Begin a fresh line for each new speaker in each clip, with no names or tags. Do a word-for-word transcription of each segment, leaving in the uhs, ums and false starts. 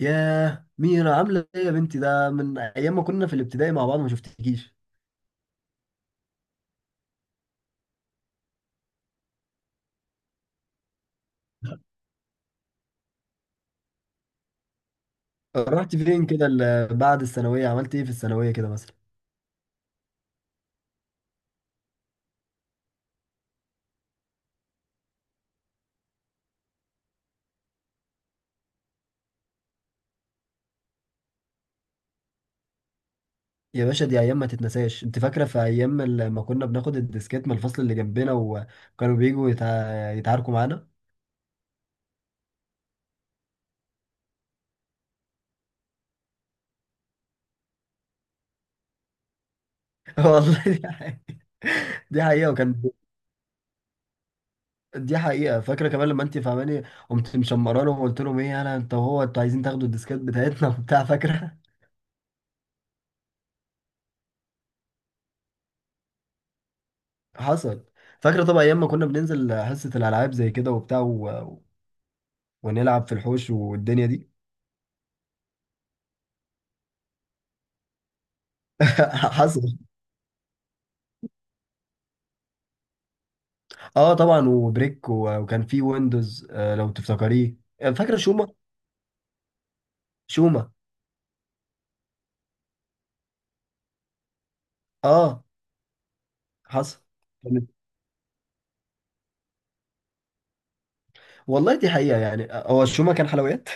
ياه، ميرا عاملة ايه يا بنتي؟ ده من ايام ما كنا في الابتدائي مع بعض، ما شفتكيش. رحت فين كده ال- بعد الثانوية؟ عملت ايه في الثانوية كده مثلا؟ يا باشا، دي ايام ما تتنساش. انت فاكرة في ايام ال- ما كنا بناخد الديسكات من الفصل اللي جنبنا، وكانوا بيجوا يتع... يتعاركوا معانا؟ والله دي حقيقة. دي حقيقة وكان. دي حقيقة، فاكرة كمان لما انت فاهماني. قمت مشمرانه وقلت لهم ايه، انا انت وهو انتوا عايزين تاخدوا الديسكات بتاعتنا؟ وبتاع، فاكرة؟ حصل. فاكرة طبعا أيام ما كنا بننزل حصة الألعاب زي كده وبتاع، ونلعب في الحوش والدنيا دي. حصل. اه طبعا، وبريك، و- وكان في ويندوز، آه لو تفتكريه. آه، فاكره شوما. شوما. اه. حصل. كانت- والله دي حقيقة يعني، آه، هو الشوما كان حلويات.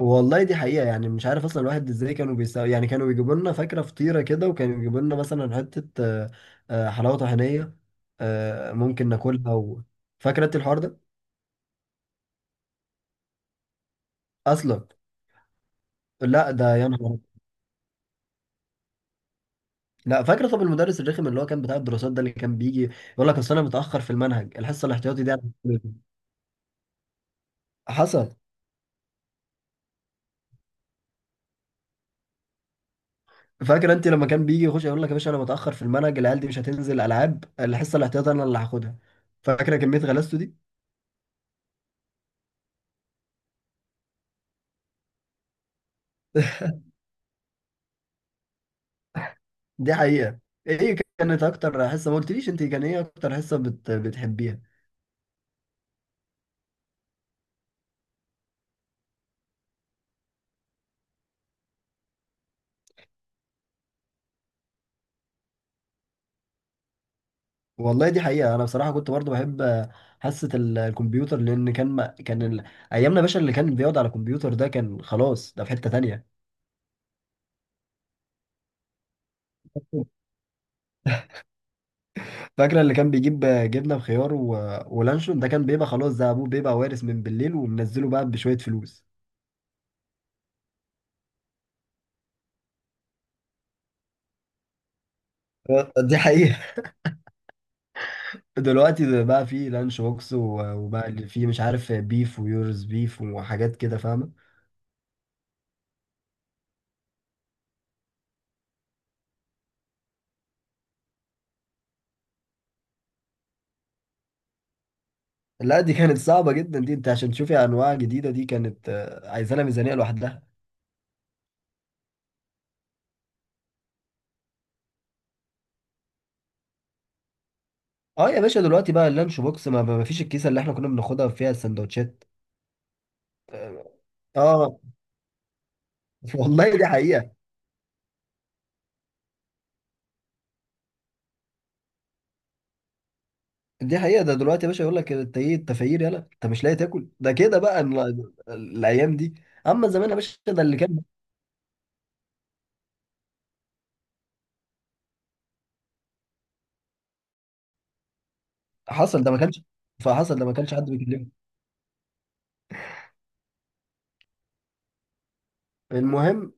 والله دي حقيقة يعني، مش عارف اصلا الواحد ازاي كانوا بيساوي. يعني كانوا بيجيبوا لنا، فاكرة، فطيرة كده، وكانوا يجيبوا لنا مثلا حتة آه، آه، حلاوة طحينية. آه، ممكن ناكلها و... فاكرة انت الحوار ده؟ اصلا. لا ده، يا نهار. لا، فاكر طب المدرس الرخم اللي هو كان بتاع الدراسات ده، اللي كان بيجي يقول لك اصل انا متاخر في المنهج، الحصه الاحتياطي دي أنا- مش فاكرها. حصل. فاكر انت لما كان بيجي يخش يقول لك: يا باشا انا متاخر في المنهج، العيال دي مش هتنزل العاب، الحصه الاحتياطي انا اللي هاخدها؟ فاكره كميه غلاسته دي؟ دي حقيقه. ايه كانت اكتر حصه؟ ما قلتليش انت كان ايه اكتر حصه بت... بتحبيها؟ والله دي حقيقه، انا بصراحه كنت برضو بحب حصه ال- الكمبيوتر، لان كان ما... كان ال... ايامنا يا باشا اللي كان بيقعد على الكمبيوتر ده، كان خلاص ده في حته تانيه. فاكرة اللي كان بيجيب جبنة بخيار و... ولانشون، ده كان بيبقى خلاص، ده أبوه بيبقى وارث من بالليل ومنزله بقى بشوية فلوس. دي حقيقة. دلوقتي ده بقى فيه لانش بوكس، و- وبقى اللي فيه مش عارف، بيف ويورز بيف، وحاجات كده، فاهمة؟ لا دي كانت صعبة جدا، دي انت عشان تشوفي أنواع جديدة دي كانت آه، عايزة لها ميزانية لوحدها. اه يا باشا دلوقتي بقى، اللانش بوكس ما ما- ما فيش الكيسة اللي احنا كنا بناخدها فيها السندوتشات. اه. والله دي حقيقة. دي حقيقة، ده دلوقتي يا باشا يقول لك: انت ايه التفاير، يلا انت مش لاقي تاكل؟ ده كده بقى ال- الايام دي. اما زمان يا باشا، ده اللي كان. حصل، ده ما كانش. فحصل، ده ما كانش حد بيكلمه. المهم.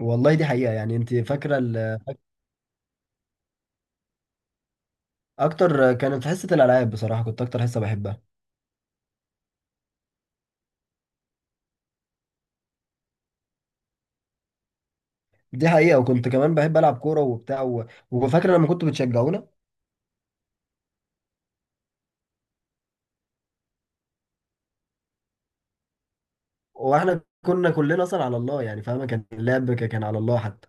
والله دي حقيقة يعني، انت فاكرة ال-، اكتر كانت حصة الالعاب، بصراحة كنت اكتر حصة بحبها. دي حقيقة، وكنت كمان بحب العب كورة وبتاع، و... وفاكرة لما كنتوا بتشجعونا. واحنا كنا كلنا اصلا على الله يعني، فاهمة، كان اللعب ك- كان على الله حتى.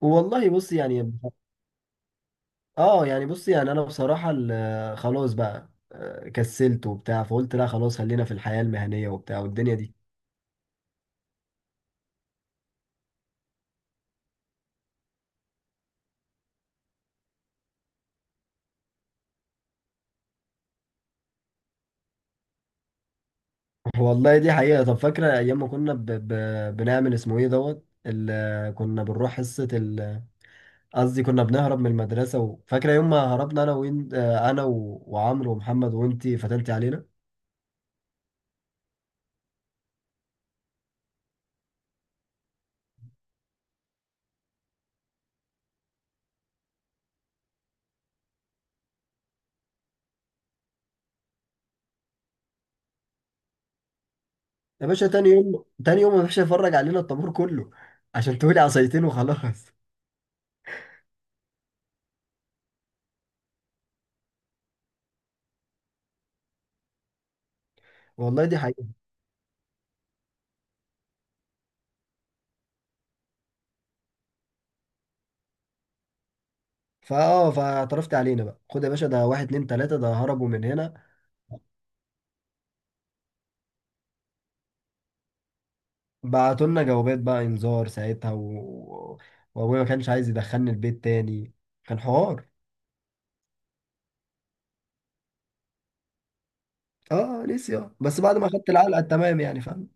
والله بص يعني. اه يعني بص يعني، انا بصراحة ال- آه، خلاص بقى، آه، كسلت وبتاع، فقلت لا خلاص خلينا في الحياة المهنية وبتاع والدنيا دي. والله دي حقيقة، طب فاكرة ايام ما كنا ب... ب... بنعمل اسمه ايه، دوت ال... آه، كنا بنروح حصة ال... آه، قصدي كنا بنهرب من المدرسة و... فاكرة يوم ما هربنا انا وين، آه، انا و... وعمرو ومحمد، وانتي فتنتي علينا. يا باشا تاني يوم، تاني يوم ما فيش يفرج علينا الطابور كله، عشان تقولي عصايتين وخلاص. والله دي حقيقة. فاه فاعترفت علينا بقى، خد يا باشا: ده واحد اتنين تلاتة ده هربوا من هنا. بعتوا لنا جوابات بقى، انذار ساعتها و... وابويا ما كانش عايز يدخلني البيت تاني. كان حوار. اه نسي، اه بس بعد ما اخدت العلقة التمام يعني، فاهم؟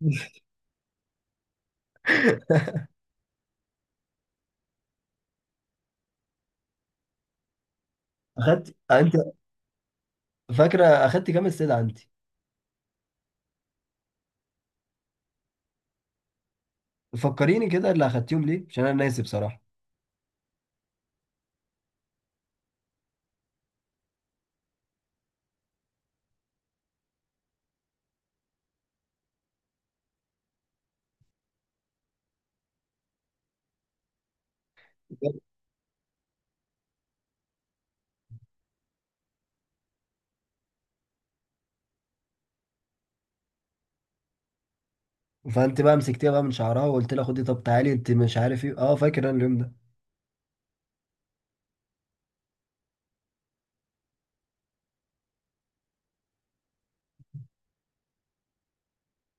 اخدت انت. فاكرة اخدت كام استدعاء انت؟ فكريني كده، اللي اخدتيهم ليه، عشان انا ناسي بصراحة. فانت بقى مسكتيها بقى من شعرها وقلت لها: خدي طب تعالي انت مش عارف ايه. اه فاكر انا اليوم ده.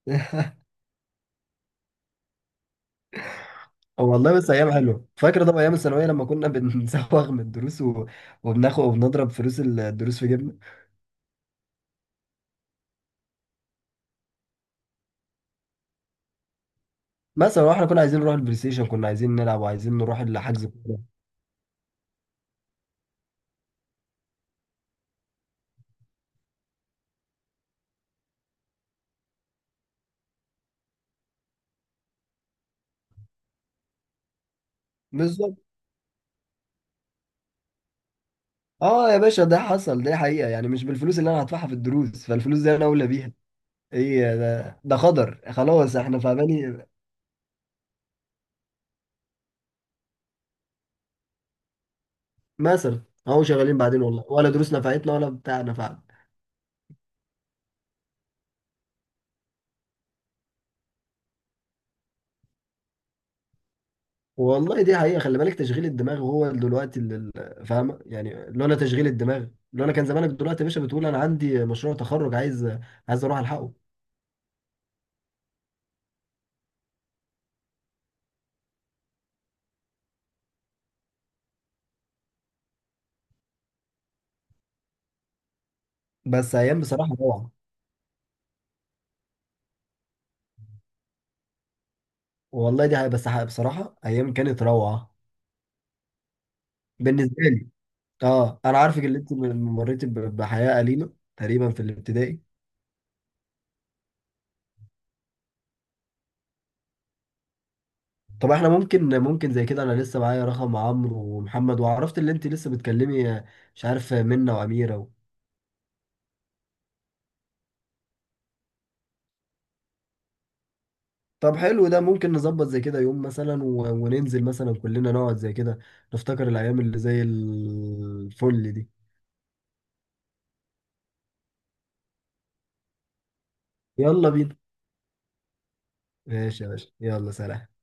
والله بس ايام حلوه، فاكر طبعا ايام الثانويه لما كنا بنزوغ من الدروس و... وبناخد وبنضرب فلوس الدروس في جيبنا. مثلا، واحنا كنا عايزين نروح البلاي ستيشن، كنا عايزين نلعب وعايزين نروح الحجز كوره. بالظبط. اه يا باشا، ده حصل، ده حقيقه يعني، مش بالفلوس اللي انا هدفعها في الدروس، فالفلوس دي انا اولى بيها. ايه ده، ده قدر خلاص احنا، فاهماني؟ مثلا اهو شغالين بعدين، والله ولا دروس نفعتنا ولا بتاع نفعنا. والله دي حقيقة، خلي بالك، تشغيل الدماغ هو دلوقتي اللي اللي- فاهمة يعني، لولا تشغيل الدماغ، لولا كان زمانك دلوقتي يا باشا بتقول أنا عندي مشروع تخرج، عايز عايز أروح ألحقه. بس أيام بصراحة روعة. والله دي حقيقة، بس حقيقة بصراحة أيام كانت روعة بالنسبة لي. أه، أنا عارفك اللي أنت مريتي ب- بحياة أليمة تقريبا في الابتدائي. طب احنا ممكن، ممكن زي كده انا لسه معايا رقم عمرو ومحمد، وعرفت اللي انت لسه بتكلمي؟ مش عارف، منة واميره؟ طب حلو، ده ممكن نظبط زي كده يوم مثلا و... وننزل مثلا كلنا نقعد زي كده، نفتكر الأيام اللي زي الفل دي. يلا بينا. ماشي يا باشا، يلا سلام.